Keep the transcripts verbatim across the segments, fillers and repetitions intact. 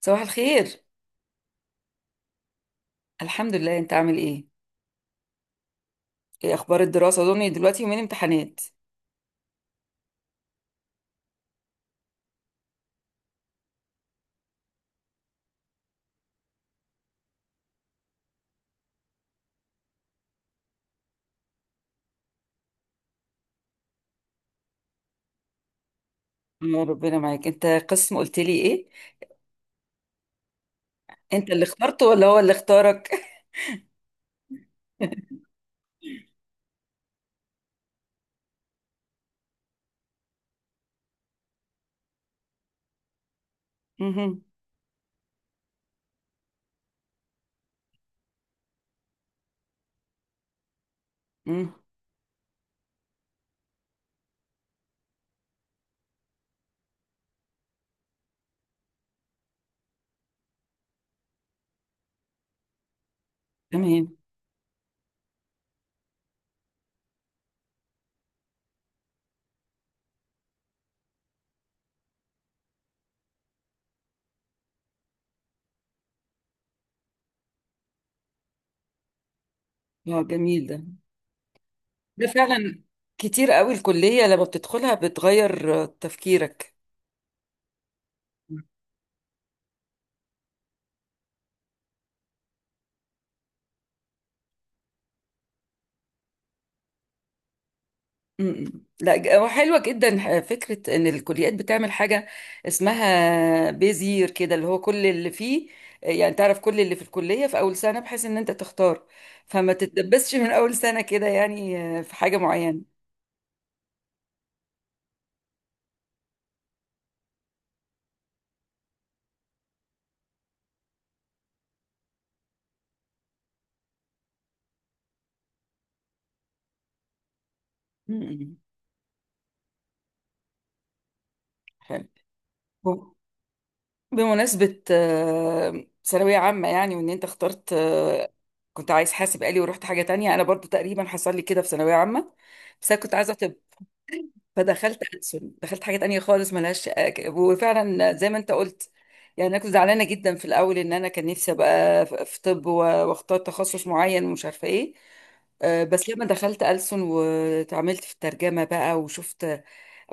صباح الخير. الحمد لله، انت عامل ايه؟ ايه اخبار الدراسه؟ اظن دلوقتي يومين امتحانات. يا ربنا معاك. انت قسم قلت لي ايه؟ انت اللي اخترته ولا هو اللي اختارك؟ مهم. مم. تمام. اه، جميل ده. ده فعلا كتير قوي الكليه لما بتدخلها بتغير آه، تفكيرك. م-م. لا، ج- هو حلوة جدا ح- فكرة ان الكليات بتعمل حاجة اسمها بيزير كده، اللي هو كل اللي فيه. يعني تعرف كل اللي في الكلية في اول سنة، بحيث ان انت تختار فما تتدبسش من اول سنة كده، يعني آه، في حاجة معينة. م-م. حلو. ب- بمناسبة آه، ثانوية عامة، يعني وان انت اخترت آه، كنت عايز حاسب آلي ورحت حاجة تانية. انا برضو تقريبا حصل لي كده في ثانوية عامة، بس انا كنت عايزة. فدخلت ألسن، دخلت حاجة تانية خالص ملهاش. وفعلا زي ما انت قلت، يعني انا كنت زعلانة جدا في الاول ان انا كان نفسي ابقى في في طب و- واختار تخصص معين، ومش عارفة ايه. آه، بس لما دخلت ألسن واتعاملت في الترجمة بقى وشفت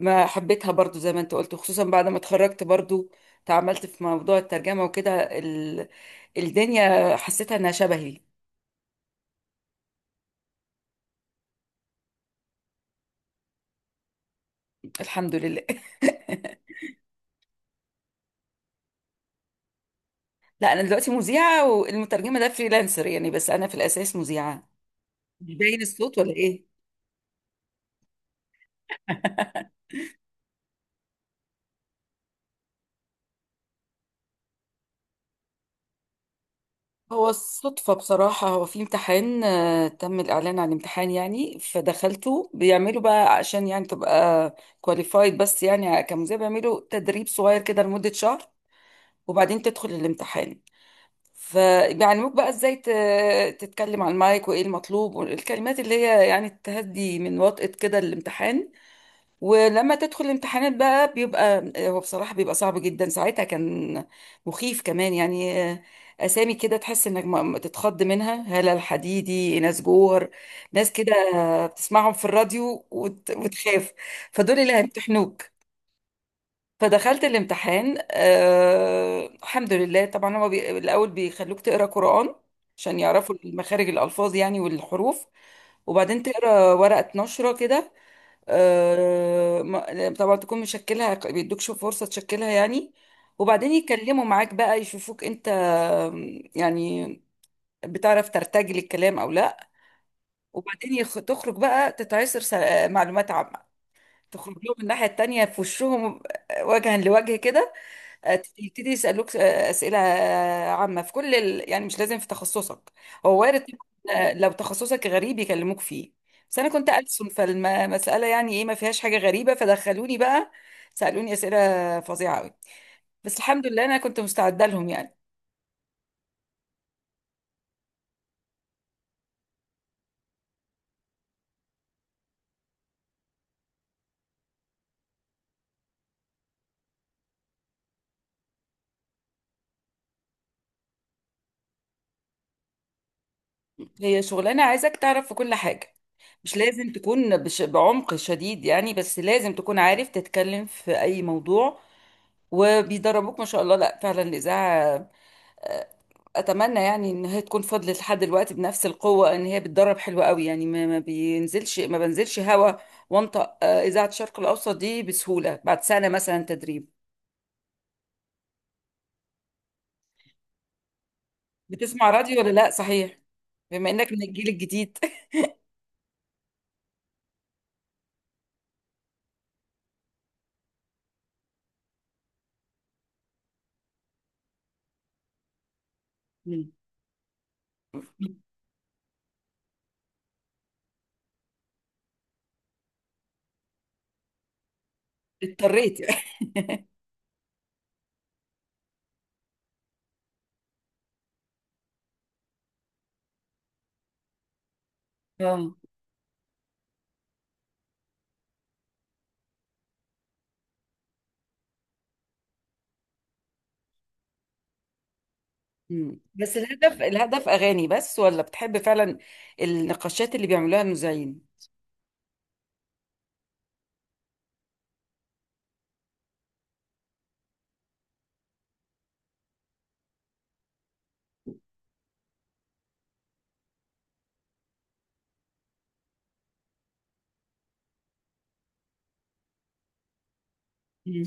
ما حبيتها، برضو زي ما انت قلت. خصوصا بعد ما اتخرجت برضو، تعاملت في موضوع الترجمة وكده، ال... الدنيا حسيتها انها شبهي. الحمد لله. لا، انا دلوقتي مذيعة، والمترجمة ده فريلانسر يعني، بس انا في الاساس مذيعة. مش باين الصوت ولا ايه؟ هو الصدفة بصراحة. هو في امتحان، آه، تم الإعلان عن امتحان يعني، فدخلته. بيعملوا بقى عشان يعني تبقى كواليفايد، بس يعني كمذيع بيعملوا تدريب صغير كده لمدة شهر، وبعدين تدخل الامتحان. فبيعلموك بقى ازاي ت- تتكلم على المايك، وايه المطلوب، والكلمات اللي هي يعني تهدي من وطأة كده الامتحان. ولما تدخل الامتحانات بقى بيبقى، هو بصراحة بيبقى صعب جدا. ساعتها كان مخيف كمان يعني. آه، أسامي كده تحس إنك ما- ما تتخض منها: هالة الحديدي، ناس جوهر، ناس كده آه، بتسمعهم في الراديو وت- وتخاف. فدول اللي هيمتحنوك. فدخلت الامتحان، أه الحمد لله. طبعا هو بي... الأول بيخلوك تقرأ قرآن عشان يعرفوا مخارج الألفاظ يعني والحروف. وبعدين تقرأ ورقة نشرة كده. آه، ما- طبعا تكون مشكلها، بيدوكش فرصة تشكلها يعني. وبعدين يتكلموا معاك بقى يشوفوك انت، آم، يعني بتعرف ترتجل الكلام او لا. وبعدين يخ... تخرج بقى تتعصر. س- معلومات عامة. تخرج لهم الناحية التانية في وشهم. آه، وجها لوجه كده. آه، يبتدي يسألوك آه، أسئلة آه، عامة في كل ال... يعني مش لازم في تخصصك. هو وارد. طبعاً آه، لو تخصصك غريب يكلموك فيه. بس أنا كنت ألسن، فالمسألة يعني إيه، ما فيهاش حاجة غريبة. فدخلوني بقى، سألوني أسئلة فظيعة أوي، بس الحمد لله أنا كنت مستعدة لهم يعني. هي شغلانة عايزك تعرف في كل حاجة. مش لازم تكون بش... بعمق شديد يعني، بس لازم تكون عارف تتكلم في أي موضوع. وبيدربوك ما شاء الله. لا فعلا الإذاعة، اتمنى يعني ان هي تكون فضلت لحد دلوقتي بنفس القوه، ان هي بتدرب حلوة قوي يعني. ما ما بينزلش ما بنزلش هوا وانطق آه، اذاعه الشرق الاوسط دي بسهوله بعد سنه مثلا تدريب. بتسمع راديو ولا لا، صحيح؟ بما انك من الجيل الجديد. مم. اضطريت يعني. اه. مم. بس الهدف، الهدف اغاني بس، ولا بتحب فعلا النقاشات اللي بيعملوها المذيعين؟ مم.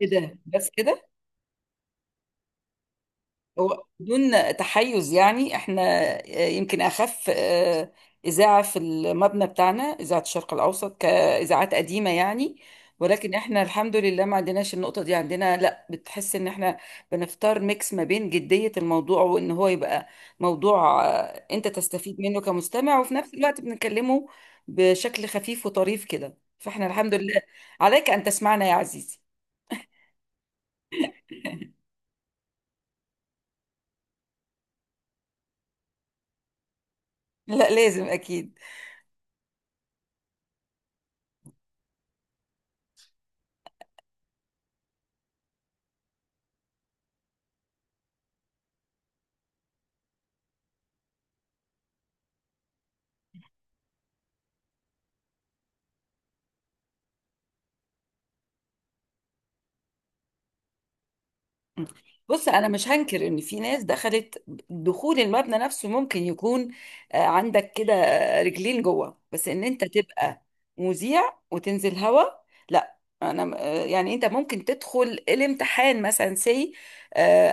كده بس كده. هو بدون تحيز، يعني احنا آه، يمكن اخف آه، اذاعه في المبنى بتاعنا، اذاعه الشرق الاوسط كاذاعات قديمه يعني، ولكن احنا الحمد لله ما عندناش النقطه دي. عندنا لا، بتحس ان احنا بنختار ميكس ما بين جديه الموضوع، وان هو يبقى موضوع آه، انت تستفيد منه كمستمع، وفي نفس الوقت بنكلمه بشكل خفيف وطريف كده. فاحنا الحمد لله، عليك ان تسمعنا يا عزيزي. لا لازم، اكيد. بص، انا مش هنكر ان في ناس دخلت. دخول المبنى نفسه ممكن يكون آه، عندك كده آه، رجلين جوه، بس ان انت تبقى مذيع وتنزل هوا، لا. انا آه، يعني انت ممكن تدخل الامتحان مثلا سي.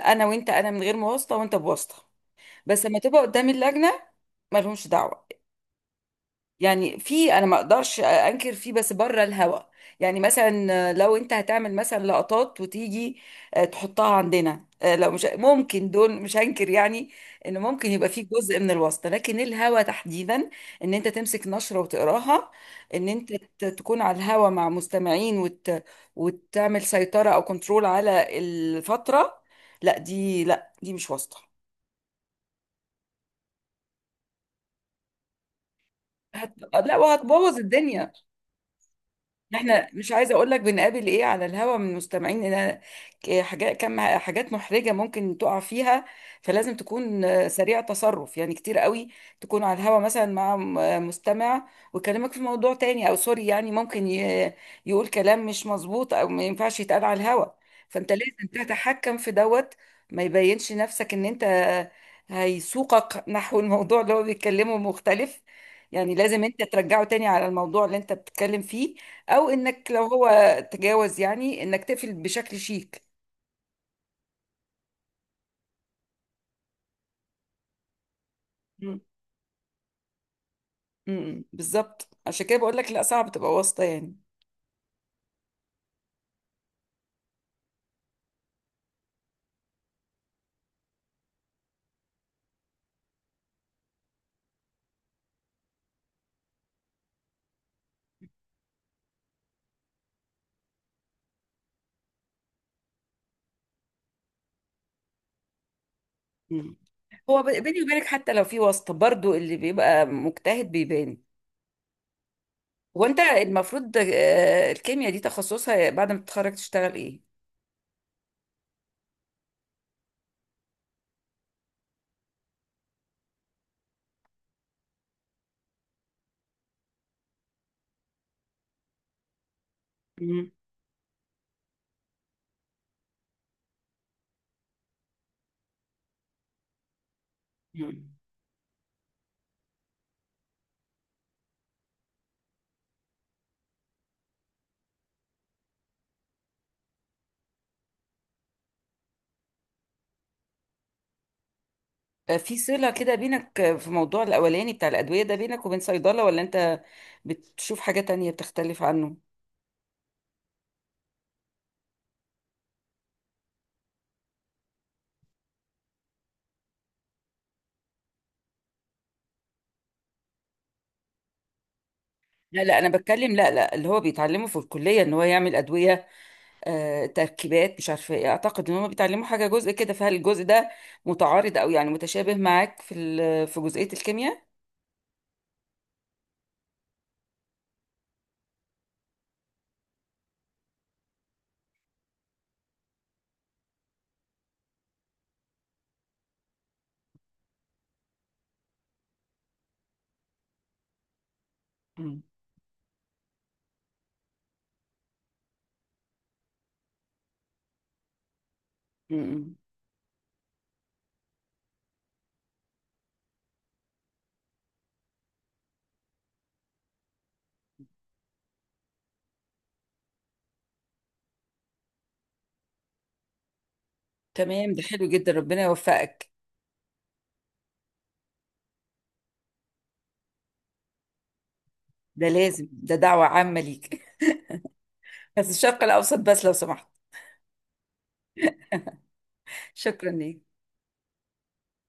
انا وانت: انا من غير مواسطه وانت بواسطه، بس لما تبقى قدام اللجنه مالهمش دعوه يعني. في انا ما اقدرش انكر فيه، بس بره الهوا. يعني مثلا لو انت هتعمل مثلا لقطات وتيجي آه، تحطها عندنا آه، لو مش ممكن، دول مش هنكر يعني ان ممكن يبقى فيه جزء من الواسطة. لكن الهوا تحديدا، ان انت تمسك نشرة وتقراها، ان انت ت- تكون على الهوا مع مستمعين وت... وتعمل سيطرة او كنترول على الفترة، لا دي، لا دي مش واسطة. هت... لا، وهتبوظ الدنيا. احنا مش عايزه اقول لك بنقابل ايه على الهوا من مستمعين، ان حاجات، كم حاجات محرجه ممكن تقع فيها. فلازم تكون آه، سريع تصرف يعني كتير قوي. تكون على الهوا مثلا مع م- آه، مستمع، ويكلمك في موضوع تاني او سوري يعني، ممكن ي- يقول كلام مش مظبوط او ما ينفعش يتقال على الهوا. فانت لازم تتحكم في دوت. ما يبينش نفسك ان انت هيسوقك نحو الموضوع اللي هو بيتكلمه مختلف. يعني لازم انت ترجعه تاني على الموضوع اللي انت بتتكلم فيه، او انك لو هو تجاوز يعني انك تقفل بشكل شيك. مم. امم، بالظبط. عشان كده بقول لك لا، صعب تبقى واسطة يعني. مم. هو ب- بيني وبينك حتى لو في واسطة، برضو اللي بيبقى مجتهد بيبان. هو انت المفروض آه، الكيمياء دي تخصصها بعد ما تتخرج تشتغل ايه؟ مم. مم. آه، في صلة كده بينك آه، في موضوع الاولاني بتاع الادوية ده بينك وبين صيدلة، ولا انت بتشوف حاجة تانية بتختلف عنه؟ لا، لا، انا بتكلم. لا، لا، اللي هو بيتعلمه في الكلية ان هو يعمل ادوية آه، تركيبات مش عارفه ايه، اعتقد ان هم بيتعلموا حاجه جزء كده، فهل الجزء ده متعارض او يعني متشابه معاك في ال- في جزئيه الكيمياء؟ مم. مم. تمام، ده حلو جدا. ربنا يوفقك. ده لازم، ده دعوه عامه ليك. بس الشرق الاوسط بس، لو سمحت. شكرا ليك.